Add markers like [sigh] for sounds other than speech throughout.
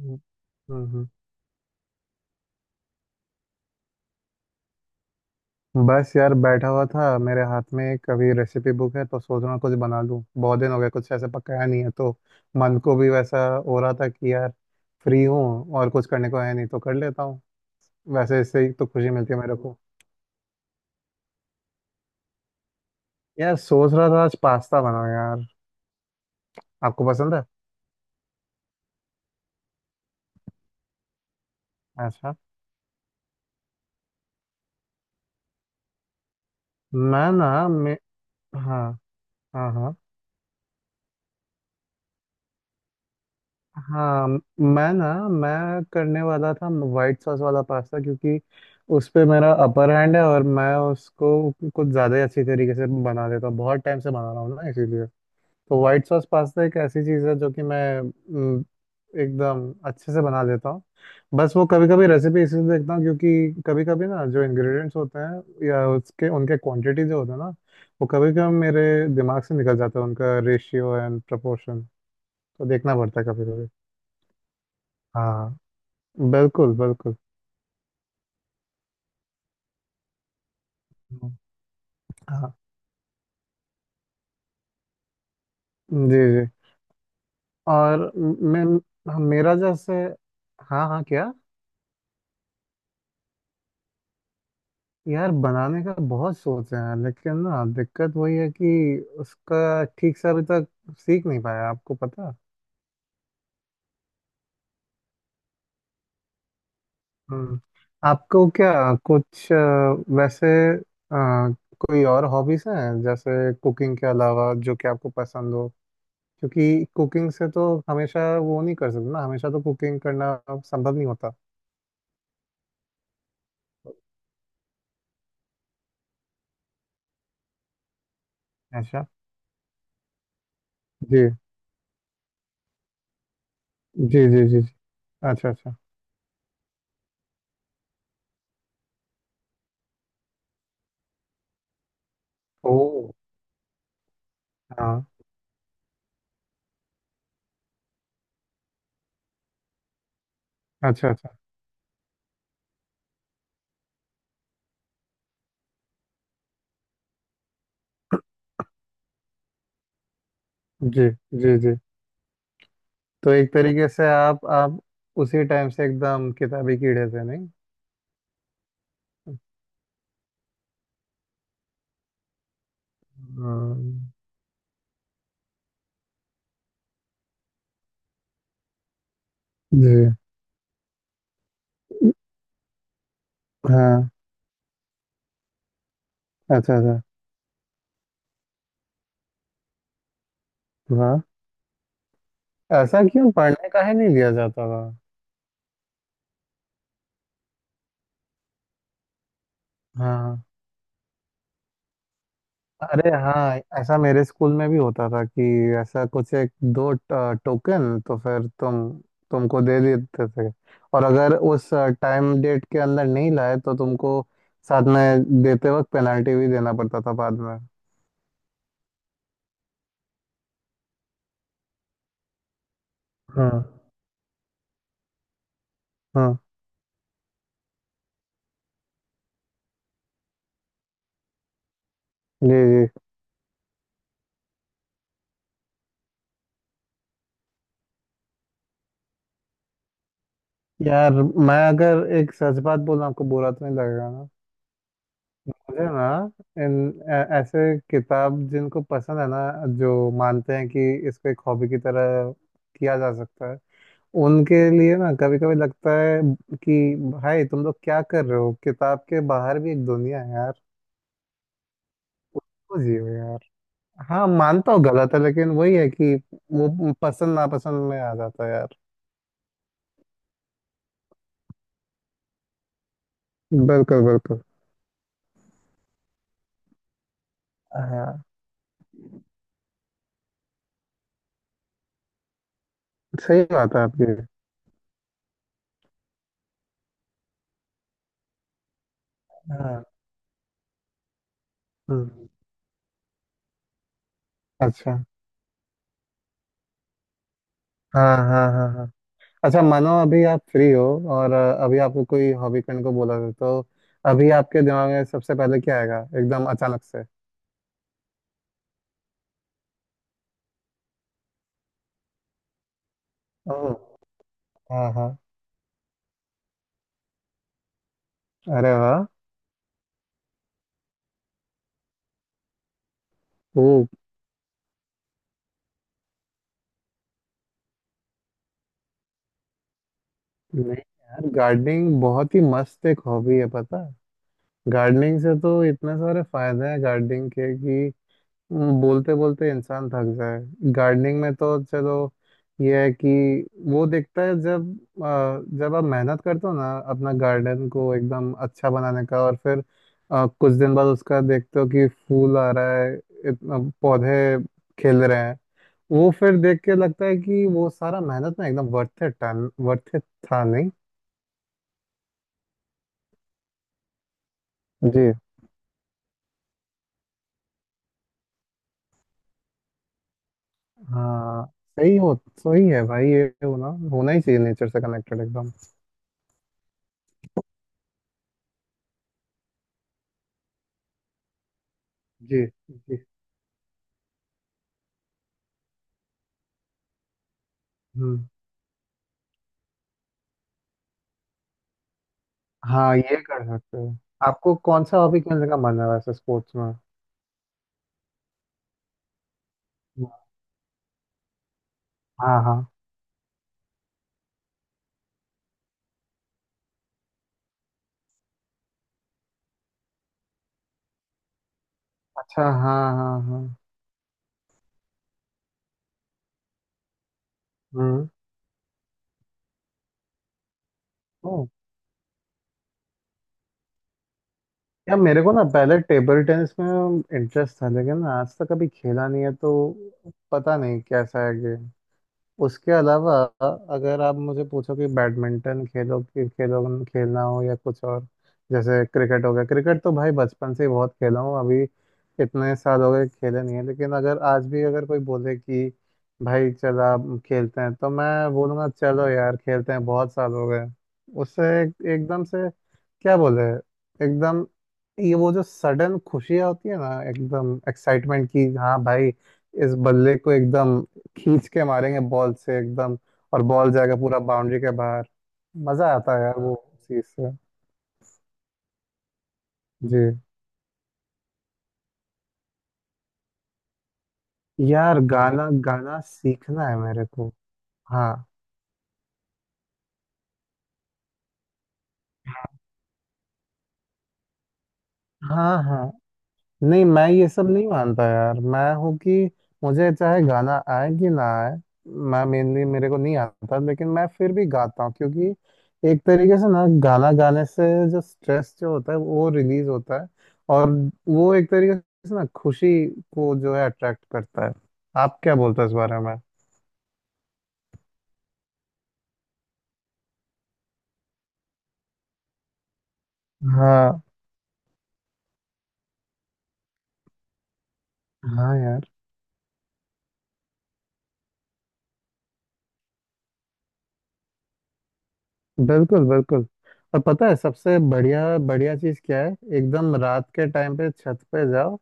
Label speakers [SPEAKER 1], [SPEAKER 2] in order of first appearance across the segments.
[SPEAKER 1] हम्म। हम्म। बस यार, बैठा हुआ था। मेरे हाथ में एक अभी रेसिपी बुक है तो सोच रहा हूँ कुछ बना लूँ। बहुत दिन हो गए कुछ ऐसे पकाया नहीं है तो मन को भी वैसा हो रहा था कि यार फ्री हूँ और कुछ करने को है नहीं तो कर लेता हूँ। वैसे इससे ही तो खुशी मिलती है मेरे को। यार सोच रहा था आज पास्ता बनाऊँ यार। आपको पसंद है? अच्छा। मैं हाँ। हाँ हाँ हाँ। मैं करने वाला था वाइट सॉस वाला पास्ता, क्योंकि उस पे मेरा अपर हैंड है और मैं उसको कुछ ज़्यादा ही अच्छी तरीके से बना लेता हूँ। बहुत टाइम से बना रहा हूँ ना इसीलिए। तो वाइट सॉस पास्ता एक ऐसी चीज़ है जो कि मैं एकदम अच्छे से बना लेता हूँ। बस वो कभी कभी रेसिपी इसलिए देखता हूँ क्योंकि कभी कभी ना जो इंग्रेडिएंट्स होते हैं या उसके उनके क्वांटिटी जो होते हैं ना वो कभी कभी मेरे दिमाग से निकल जाता है, उनका रेशियो एंड प्रपोर्शन। तो देखना पड़ता है कभी कभी। हाँ, बिल्कुल बिल्कुल। हम्म। हाँ। जी जी। और मैं, हाँ, मेरा जैसे, हाँ हाँ क्या। यार बनाने का बहुत सोच है यार, लेकिन ना दिक्कत वही है कि उसका ठीक से अभी तक सीख नहीं पाया, आपको पता। हम्म। आपको क्या कुछ वैसे अ, कोई और हॉबीज हैं जैसे कुकिंग के अलावा, जो कि आपको पसंद हो? क्योंकि कुकिंग से तो हमेशा वो नहीं कर सकते ना, हमेशा तो कुकिंग करना संभव नहीं होता। ऐसा? जी जी जी जी। जी। अच्छा अच्छा। ओ। हाँ। अच्छा अच्छा। जी जी जी। तो एक तरीके से आप उसी टाइम से एकदम किताबी कीड़े थे नहीं? हाँ, जी। हाँ। अच्छा अच्छा। वाह। ऐसा क्यों? पढ़ने का ही नहीं लिया जाता था? हाँ। अरे हाँ, ऐसा मेरे स्कूल में भी होता था कि ऐसा कुछ एक दो टोकन तो फिर तुमको दे देते थे, और अगर उस टाइम डेट के अंदर नहीं लाए तो तुमको साथ में देते वक्त पेनल्टी भी देना पड़ता था बाद में। हाँ हाँ। जी जी। यार मैं अगर एक सच बात बोलूं, आपको बुरा तो नहीं लगेगा ना? मुझे ना इन ऐसे किताब जिनको पसंद है ना, जो मानते हैं कि इसको एक हॉबी की तरह किया जा सकता है, उनके लिए ना कभी कभी लगता है कि भाई तुम लोग क्या कर रहे हो, किताब के बाहर भी एक दुनिया है यार, तो जियो यार। हाँ मानता हूँ गलत है, लेकिन वही है कि वो पसंद नापसंद में आ जाता है यार। बिल्कुल बिल्कुल। हाँ सही बात है आपकी। हाँ। हम्म। अच्छा। हाँ हाँ हाँ हाँ। अच्छा, मानो अभी आप फ्री हो और अभी आपको कोई हॉबी करने को बोला था, तो अभी आपके दिमाग में सबसे पहले क्या आएगा एकदम अचानक से? ओह। हाँ हाँ। अरे वाह। ओ। नहीं यार, गार्डनिंग बहुत ही मस्त एक हॉबी है पता है। गार्डनिंग से तो इतने सारे फायदे हैं गार्डनिंग के कि बोलते बोलते इंसान थक जाए। गार्डनिंग में तो चलो ये है कि वो दिखता है जब जब आप मेहनत करते हो ना अपना गार्डन को एकदम अच्छा बनाने का, और फिर कुछ दिन बाद उसका देखते हो कि फूल आ रहा है, इतना पौधे खिल रहे हैं, वो फिर देख के लगता है कि वो सारा मेहनत ना एकदम वर्थ इट था। वर्थ इट था नहीं जी। हाँ। सही हो। सही है भाई, ये होना होना ही चाहिए नेचर से कनेक्टेड एकदम। जी जी। हम्म। हाँ ये कर सकते हो। आपको कौन सा हॉबी खेलने का मन है वैसे स्पोर्ट्स में? हाँ हाँ। अच्छा हाँ हाँ हाँ। हम्म। ओ, यार मेरे को ना पहले टेबल टेनिस में इंटरेस्ट था, लेकिन आज तक कभी खेला नहीं है तो पता नहीं कैसा है। उसके अलावा अगर आप मुझे पूछो कि बैडमिंटन खेलो कि खेलो, खेलना हो या कुछ और, जैसे क्रिकेट हो गया। क्रिकेट तो भाई बचपन से ही बहुत खेला हूँ। अभी इतने साल हो गए खेले नहीं है, लेकिन अगर आज भी अगर कोई बोले कि भाई चल आप खेलते हैं, तो मैं बोलूँगा चलो यार खेलते हैं, बहुत साल हो गए। उससे एक, एकदम से, क्या बोले, एकदम, ये वो जो सडन खुशियाँ होती है ना एकदम एक्साइटमेंट की। हाँ भाई, इस बल्ले को एकदम खींच के मारेंगे बॉल से एकदम, और बॉल जाएगा पूरा बाउंड्री के बाहर। मजा आता है यार वो हाँ चीज से। जी। यार गाना, गाना सीखना है मेरे को। हाँ हाँ हाँ। नहीं, मैं ये सब नहीं मानता यार। मैं हूँ कि मुझे चाहे गाना आए कि ना आए, मैं, मेनली मेरे को नहीं आता, लेकिन मैं फिर भी गाता हूँ क्योंकि एक तरीके से ना गाना गाने से जो स्ट्रेस जो होता है वो रिलीज होता है, और वो एक तरीके से ना खुशी को जो है अट्रैक्ट करता है। आप क्या बोलते हो इस बारे में? हाँ। हाँ यार। बिल्कुल बिल्कुल। और पता है सबसे बढ़िया बढ़िया चीज़ क्या है? एकदम रात के टाइम पे छत पे जाओ,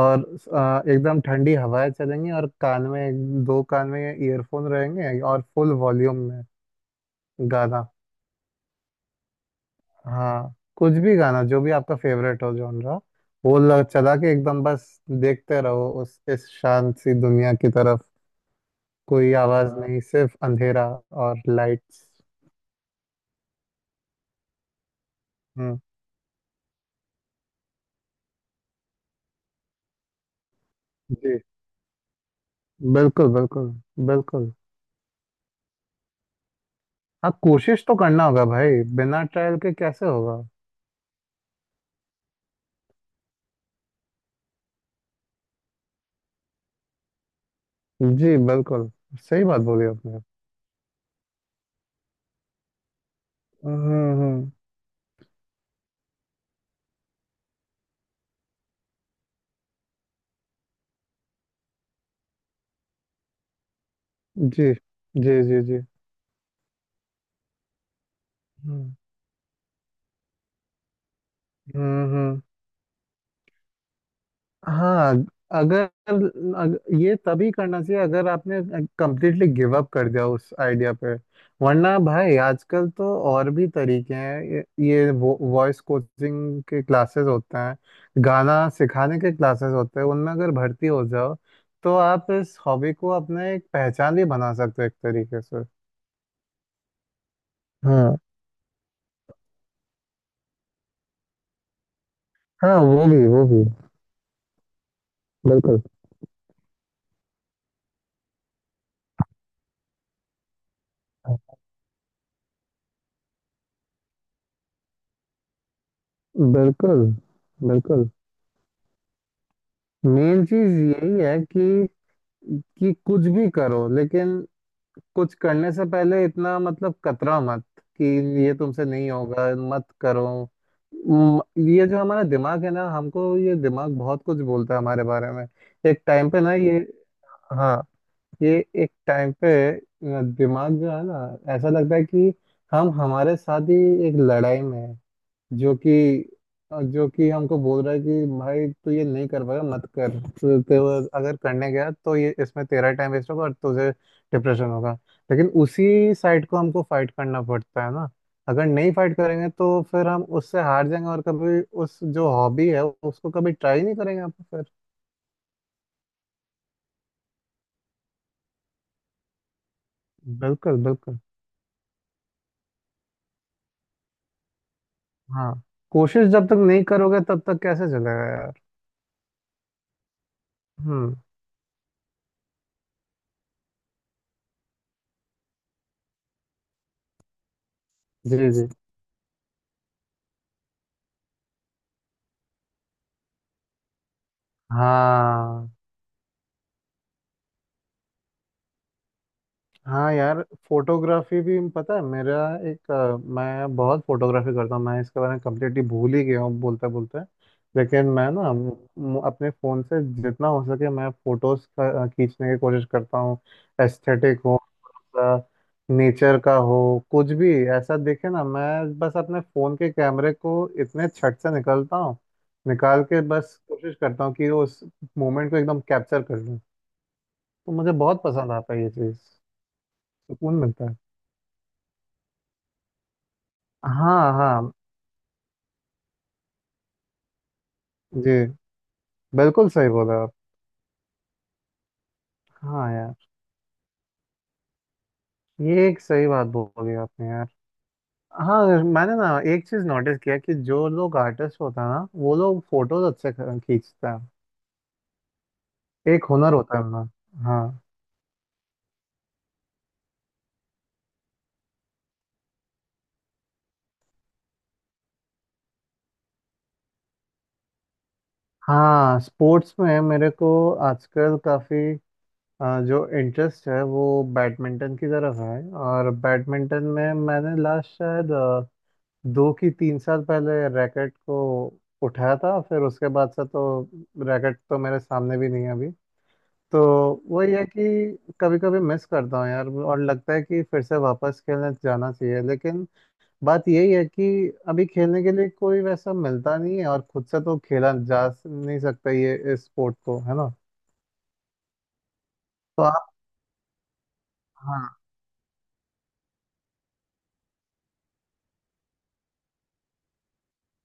[SPEAKER 1] और एकदम ठंडी हवाएं चलेंगी और कान में, दो कान में ईयरफोन रहेंगे और फुल वॉल्यूम में गाना। हाँ कुछ भी गाना, जो भी आपका फेवरेट हो जॉनरा, चला के एकदम बस देखते रहो उस इस शांत सी दुनिया की तरफ। कोई आवाज हाँ नहीं, सिर्फ अंधेरा और लाइट्स। हम्म। जी। बिल्कुल बिल्कुल। बिल्कुल। हाँ कोशिश तो करना होगा भाई, बिना ट्रायल के कैसे होगा। जी बिल्कुल। सही बात बोली आपने। हम्म। जी जी जी जी। हम्म। हम्म। हाँ अगर, ये तभी करना चाहिए अगर आपने कंप्लीटली गिव अप कर दिया उस आइडिया पे। वरना भाई आजकल तो और भी तरीके हैं, ये वॉइस कोचिंग के क्लासेस होते हैं, गाना सिखाने के क्लासेस होते हैं, उनमें अगर भर्ती हो जाओ तो आप इस हॉबी को अपने एक पहचान भी बना सकते हो एक तरीके से। हाँ। हाँ वो भी। बिल्कुल बिल्कुल। बिल्कुल। मेन चीज यही है कि कुछ भी करो, लेकिन कुछ करने से पहले इतना, मतलब, कतरा मत कि ये तुमसे नहीं होगा, मत करो। म- ये जो हमारा दिमाग है ना, हमको ये दिमाग बहुत कुछ बोलता है हमारे बारे में। एक टाइम पे ना ये, हाँ, ये एक टाइम पे दिमाग जो है ना, ऐसा लगता है कि हम हमारे साथ ही एक लड़ाई में है, जो कि, जो कि हमको बोल रहा है कि भाई तू ये नहीं कर पाएगा, मत कर, तू तू अगर करने गया तो ये, इसमें तेरा टाइम वेस्ट होगा और तुझे डिप्रेशन होगा। लेकिन उसी साइड को हमको फाइट करना पड़ता है ना, अगर नहीं फाइट करेंगे तो फिर हम उससे हार जाएंगे और कभी उस जो हॉबी है उसको कभी ट्राई नहीं करेंगे आप फिर। बिल्कुल बिल्कुल। हाँ कोशिश जब तक नहीं करोगे तब तक कैसे चलेगा यार। हम्म। जी जी। हाँ। हाँ यार फोटोग्राफी भी, पता है मेरा एक मैं बहुत फोटोग्राफी करता हूँ। मैं इसके बारे में कम्प्लीटली भूल ही गया हूँ बोलते बोलते। लेकिन मैं ना, अपने फ़ोन से जितना हो सके मैं फ़ोटोज़ खींचने की कोशिश करता हूँ। एस्थेटिक हो, नेचर का हो, कुछ भी ऐसा देखे ना, मैं बस अपने फ़ोन के कैमरे को इतने छट से निकलता हूँ, निकाल के बस कोशिश करता हूँ कि उस मोमेंट को एकदम कैप्चर कर लूँ। तो मुझे बहुत पसंद आता है ये चीज़, सुकून मिलता है। हाँ हाँ। जी। बिल्कुल सही बोला आप। हाँ यार, ये एक सही बात बोली आपने यार। हाँ मैंने ना एक चीज नोटिस किया कि जो लोग आर्टिस्ट होता है ना, वो लोग फोटोज अच्छे खींचते हैं। एक हुनर होता है उनमें हाँ। हाँ स्पोर्ट्स में मेरे को आजकल काफी जो इंटरेस्ट है वो बैडमिंटन की तरफ है, और बैडमिंटन में मैंने लास्ट शायद 2 की 3 साल पहले रैकेट को उठाया था, फिर उसके बाद से तो रैकेट तो मेरे सामने भी नहीं है अभी। तो वही है कि कभी कभी मिस करता हूँ यार और लगता है कि फिर से वापस खेलने जाना चाहिए, लेकिन बात यही है कि अभी खेलने के लिए कोई वैसा मिलता नहीं है, और खुद से तो खेला जा नहीं सकता ये इस स्पोर्ट को है ना। तो आप, हाँ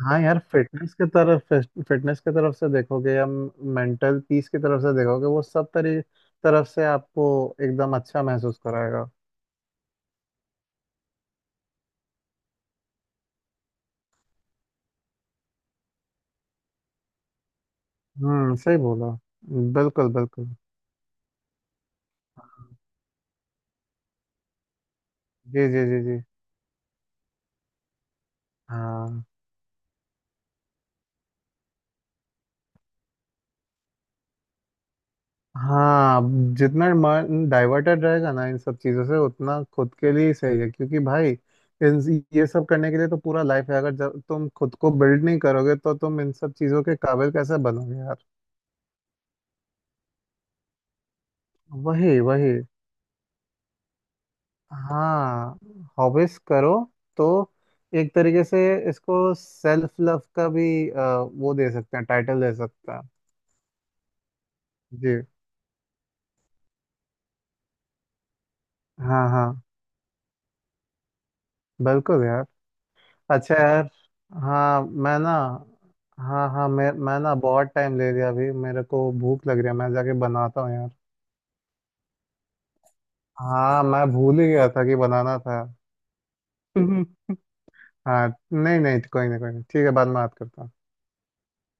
[SPEAKER 1] हाँ यार, फिटनेस की तरफ से देखोगे या मेंटल पीस की तरफ से देखोगे, वो सब तरी तरफ से आपको एकदम अच्छा महसूस कराएगा। सही बोला। बिल्कुल बिल्कुल। जी जी जी जी। हाँ। हाँ जितना मन डाइवर्टेड रहेगा ना इन सब चीज़ों से उतना खुद के लिए ही सही है, क्योंकि भाई इन, ये सब करने के लिए तो पूरा लाइफ है, अगर जब तुम खुद को बिल्ड नहीं करोगे तो तुम इन सब चीज़ों के काबिल कैसे बनोगे यार। वही वही। हाँ हॉबीज करो तो एक तरीके से इसको सेल्फ लव का भी वो दे सकते हैं, टाइटल दे सकते हैं। जी। हाँ हाँ बिल्कुल यार। अच्छा यार, हाँ मैं ना, हाँ हाँ, मैं ना बहुत टाइम ले लिया अभी, मेरे को भूख लग रही है, मैं जाके बनाता हूँ यार। हाँ मैं भूल ही गया था कि बनाना था। [laughs] हाँ नहीं नहीं, कोई नहीं कोई नहीं, ठीक है बाद में बात करता हूँ।